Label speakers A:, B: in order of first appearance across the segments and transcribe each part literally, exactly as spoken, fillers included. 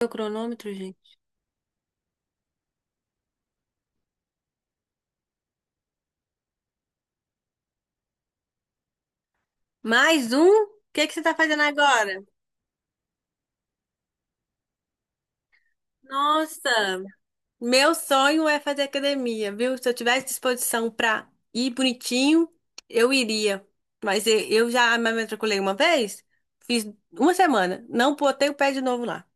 A: Meu cronômetro, gente. Mais um? O que que você tá fazendo agora? Nossa, meu sonho é fazer academia, viu? Se eu tivesse disposição pra ir bonitinho, eu iria. Mas eu eu já me matriculei uma vez, fiz uma semana, não botei o pé de novo lá,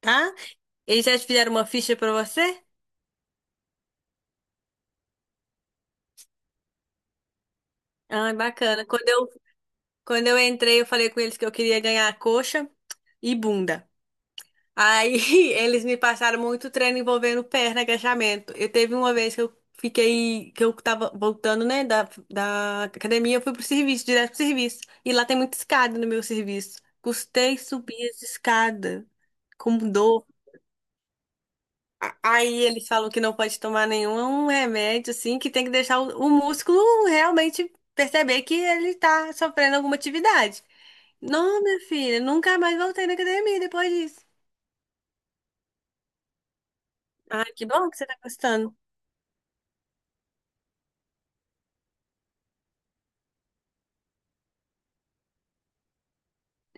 A: tá? Eles já te fizeram uma ficha pra você? Ah, bacana. Quando eu, quando eu entrei, eu falei com eles que eu queria ganhar coxa e bunda. Aí eles me passaram muito treino envolvendo perna, agachamento. Eu teve uma vez que eu fiquei, que eu tava voltando, né, da, da academia, eu fui pro serviço, direto pro serviço. E lá tem muita escada no meu serviço. Custei subir as escadas com dor. A- Aí eles falam que não pode tomar nenhum remédio, assim, que tem que deixar o, o músculo realmente perceber que ele tá sofrendo alguma atividade. Não, minha filha, nunca mais voltei na academia depois disso. Ai, que bom que você tá gostando.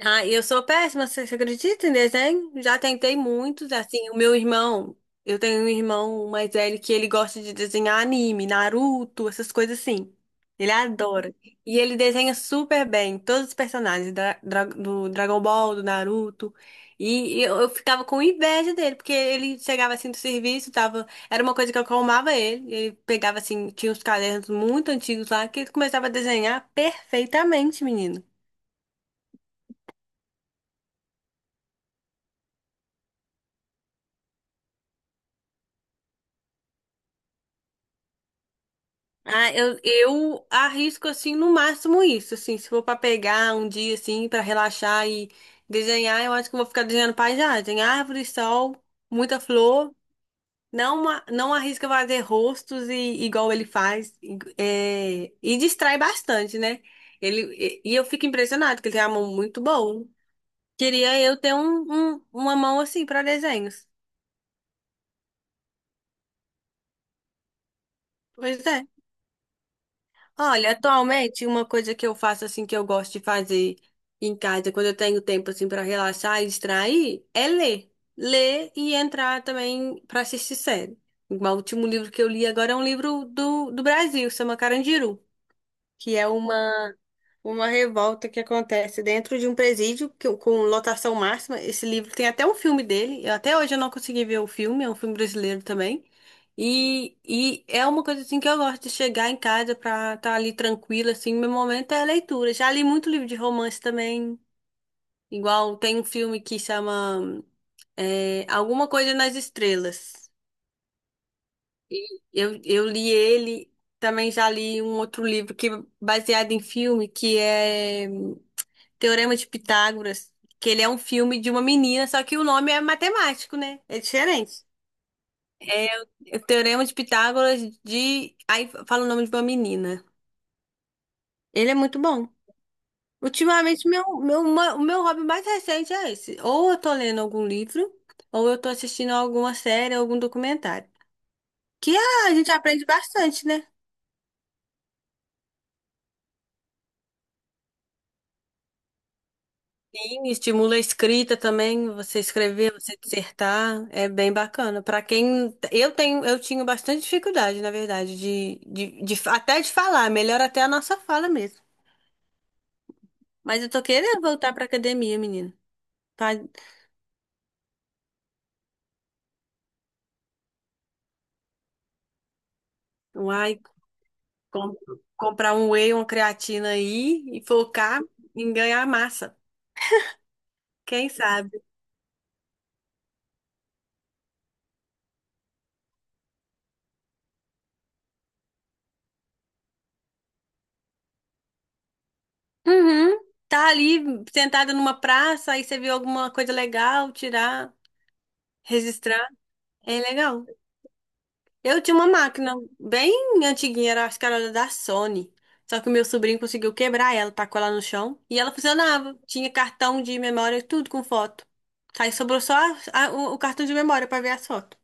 A: Ah, eu sou péssima, você você acredita em desenho? Já tentei muitos, assim, o meu irmão, eu tenho um irmão mais velho que ele gosta de desenhar anime, Naruto, essas coisas assim. Ele adora. E ele desenha super bem todos os personagens da- dra- do Dragon Ball, do Naruto. E eu, eu ficava com inveja dele, porque ele chegava assim do serviço, tava, era uma coisa que acalmava ele. Ele pegava assim, tinha uns cadernos muito antigos lá que ele começava a desenhar perfeitamente, menino. Ah, eu, eu arrisco assim no máximo isso, assim, se for pra pegar um dia assim pra relaxar e desenhar, eu acho que eu vou ficar desenhando paisagem, árvore, sol, muita flor. Não, ma- não arrisca fazer rostos e igual ele faz e, é, e distrai bastante, né? Ele e, e eu fico impressionado que ele tem uma mão muito boa. Queria eu ter um, um- uma mão assim pra desenhos. Pois é. Olha, atualmente uma coisa que eu faço assim que eu gosto de fazer em casa, quando eu tenho tempo assim para relaxar e distrair, é ler. Ler e entrar também para assistir série. Igual o último livro que eu li agora é um livro do, do Brasil, chama Carandiru, que é uma uma revolta que acontece dentro de um presídio que- com lotação máxima. Esse livro tem até um filme dele. Eu, até hoje eu não consegui ver o filme, é um filme brasileiro também. E, e é uma coisa assim que eu gosto de chegar em casa pra estar ali tranquila, assim. Meu momento é a leitura. Já li muito livro de romance também. Igual tem um filme que chama é, Alguma Coisa nas Estrelas. Eu, eu li ele, também já li um outro livro que é baseado em filme, que é. Teorema de Pitágoras, que ele é um filme de uma menina, só que o nome é matemático, né? É diferente. É o Teorema de Pitágoras de. Aí fala o nome de uma menina. Ele é muito bom. Ultimamente, meu, meu, ma- o meu hobby mais recente é esse. Ou eu tô lendo algum livro, ou eu tô assistindo alguma série, algum documentário. Que a gente aprende bastante, né? Sim, estimula a escrita também, você escrever, você dissertar, é bem bacana. Para quem eu tenho, eu tinha bastante dificuldade, na verdade, de, de, de- até de falar, melhor até a nossa fala mesmo. Mas eu tô querendo voltar para academia, menino. Pra, uai, com- comprar um whey, uma creatina aí e focar em ganhar massa. Quem sabe? Uhum. Tá ali sentada numa praça, aí você viu alguma coisa legal, tirar, registrar, é legal. Eu tinha uma máquina bem antiguinha, era, acho que era da Sony. Só que o meu sobrinho conseguiu quebrar ela, tacou ela no chão e ela funcionava. Tinha cartão de memória, e tudo com foto. Aí sobrou só a- a- o, o cartão de memória pra ver as fotos.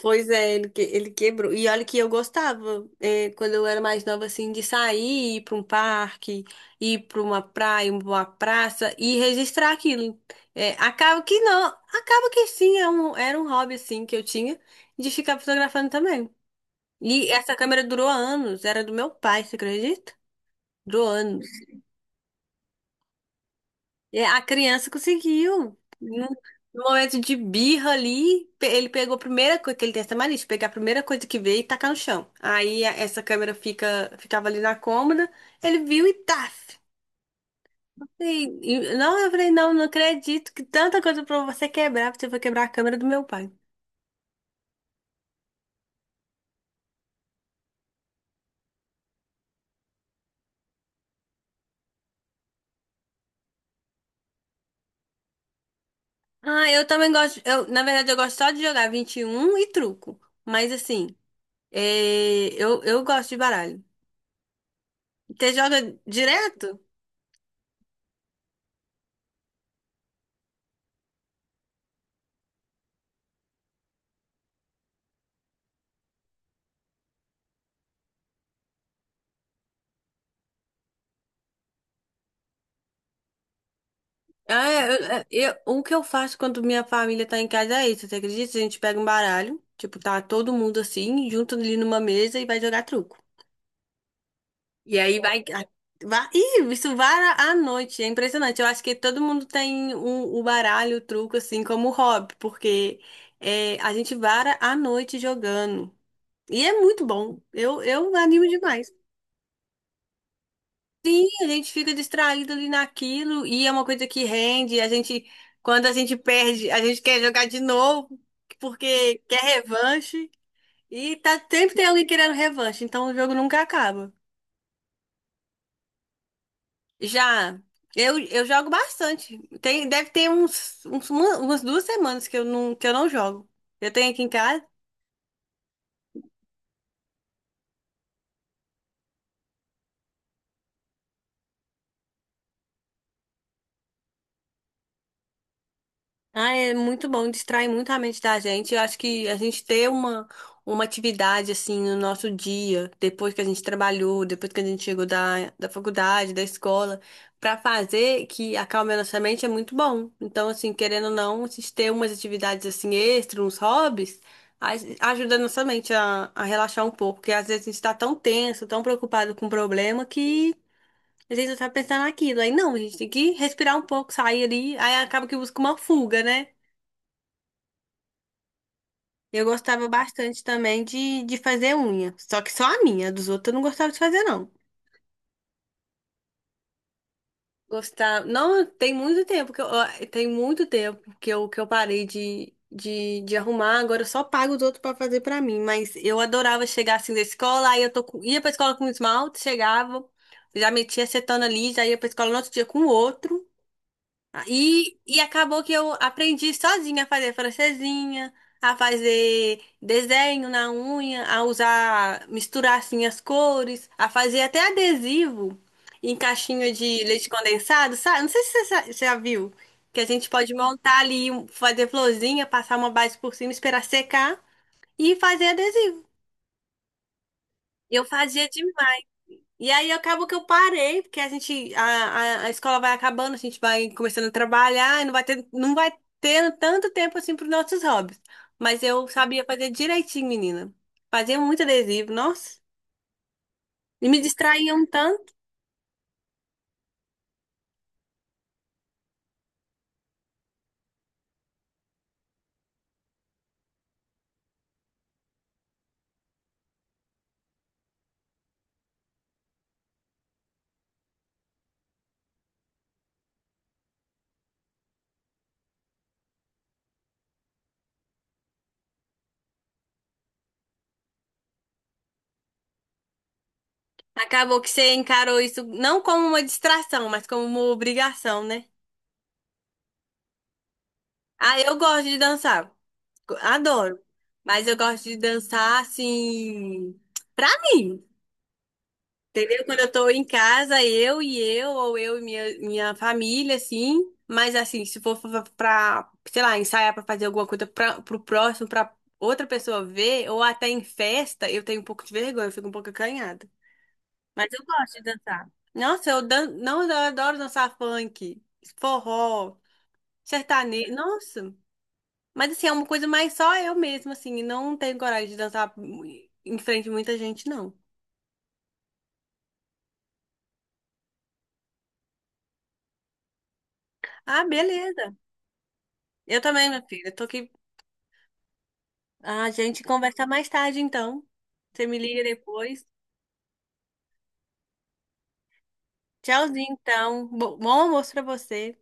A: Pois é, ele, que- ele quebrou. E olha que eu gostava, é, quando eu era mais nova, assim, de sair, ir pra um parque, ir pra uma praia, uma praça e registrar aquilo. É, acaba que não, acaba que sim, é um- era um hobby, assim, que eu tinha de ficar fotografando também. E essa câmera durou anos, era do meu pai, você acredita? Durou anos. E a criança conseguiu. No no momento de birra ali, pe- ele pegou a primeira coisa, que ele tem essa mania, de pegar a primeira coisa que vê e tacar no chão. Aí a- essa câmera fica, ficava ali na cômoda, ele viu e taf. E, e- não, eu falei, não, não acredito que tanta coisa pra você quebrar, você foi quebrar a câmera do meu pai. Ah, eu também gosto, eu, na verdade eu gosto só de jogar vinte e um e um e truco. Mas assim, é, eu, eu gosto de baralho. Você joga direto? Ah, é, eu, é, eu- o que eu faço quando minha família tá em casa é isso, você acredita? A gente pega um baralho, tipo, tá todo mundo assim, junto ali numa mesa e vai jogar truco. E aí vai, a- vai, ih, isso vara à noite, é impressionante. Eu acho que todo mundo tem o o baralho, o truco, assim, como hobby, porque é, a gente vara à noite jogando. E é muito bom, eu, eu animo demais. A gente fica distraído ali naquilo e é uma coisa que rende. A gente, quando a gente perde, a gente quer jogar de novo porque quer revanche e tá sempre tem alguém querendo revanche, então o jogo nunca acaba. Já eu, eu jogo bastante. Tem, deve ter uns, uns uma- umas duas semanas que eu não que eu não jogo. Eu tenho aqui em casa. Ah, é muito bom, distrai muito a mente da gente. Eu acho que a gente ter uma, uma atividade assim no nosso dia, depois que a gente trabalhou, depois que a gente chegou da, da faculdade, da escola, pra fazer que acalme a nossa mente é muito bom. Então, assim, querendo ou não, a gente ter umas atividades assim extras, uns hobbies, a- ajuda a nossa mente a, a relaxar um pouco, porque às vezes a gente tá tão tenso, tão preocupado com o problema que a gente só tá pensando naquilo. Aí não, a gente tem que respirar um pouco, sair ali, aí acaba que busca uma fuga, né? Eu gostava bastante também de, de fazer unha. Só que só a minha, dos outros eu não gostava de fazer, não. Gostar. Não, tem muito tempo que eu, ó, tem muito tempo que eu, que eu parei de, de, de arrumar. Agora eu só pago os outros pra fazer pra mim. Mas eu adorava chegar assim da escola, aí eu tô com- ia pra escola com esmalte, chegava, já metia acetona ali, já ia pra escola no outro dia com outro. E, e acabou que eu aprendi sozinha a fazer francesinha, a fazer desenho na unha, a usar, misturar assim as cores, a fazer até adesivo em caixinha de leite condensado, sabe? Não sei se você sa- você já viu, que a gente pode montar ali, um- fazer florzinha, passar uma base por cima, esperar secar e fazer adesivo. Eu fazia e aí acabou que eu parei, porque a gente, a, a, a escola vai acabando, a gente vai começando a trabalhar, e não vai ter, não vai ter tanto tempo assim para os nossos hobbies. Mas eu sabia fazer direitinho, menina. Fazia muito adesivo, nossa. E me distraía um tanto. Acabou que você encarou isso não como uma distração, mas como uma obrigação, né? Ah, eu gosto de dançar. Adoro. Mas eu gosto de dançar assim, pra mim. Entendeu? Quando eu tô em casa, eu e eu, ou eu e minha, minha família, assim. Mas, assim, se for fa- pra, sei lá, ensaiar pra fazer alguma coisa pra, pro próximo, pra outra pessoa ver, ou até em festa, eu tenho um pouco de vergonha, eu fico um pouco acanhada. Mas eu gosto de dançar. Nossa, eu, dan não, eu adoro dançar funk, forró, sertanejo. Nossa, mas, assim, é uma coisa mais só eu mesma, assim. E não tenho coragem de dançar em frente a muita gente, não. Ah, beleza. Eu também, minha filha. Tô aqui. Ah, a gente conversa mais tarde, então. Você me liga depois. Tchauzinho, então. Bo- Bom almoço pra você.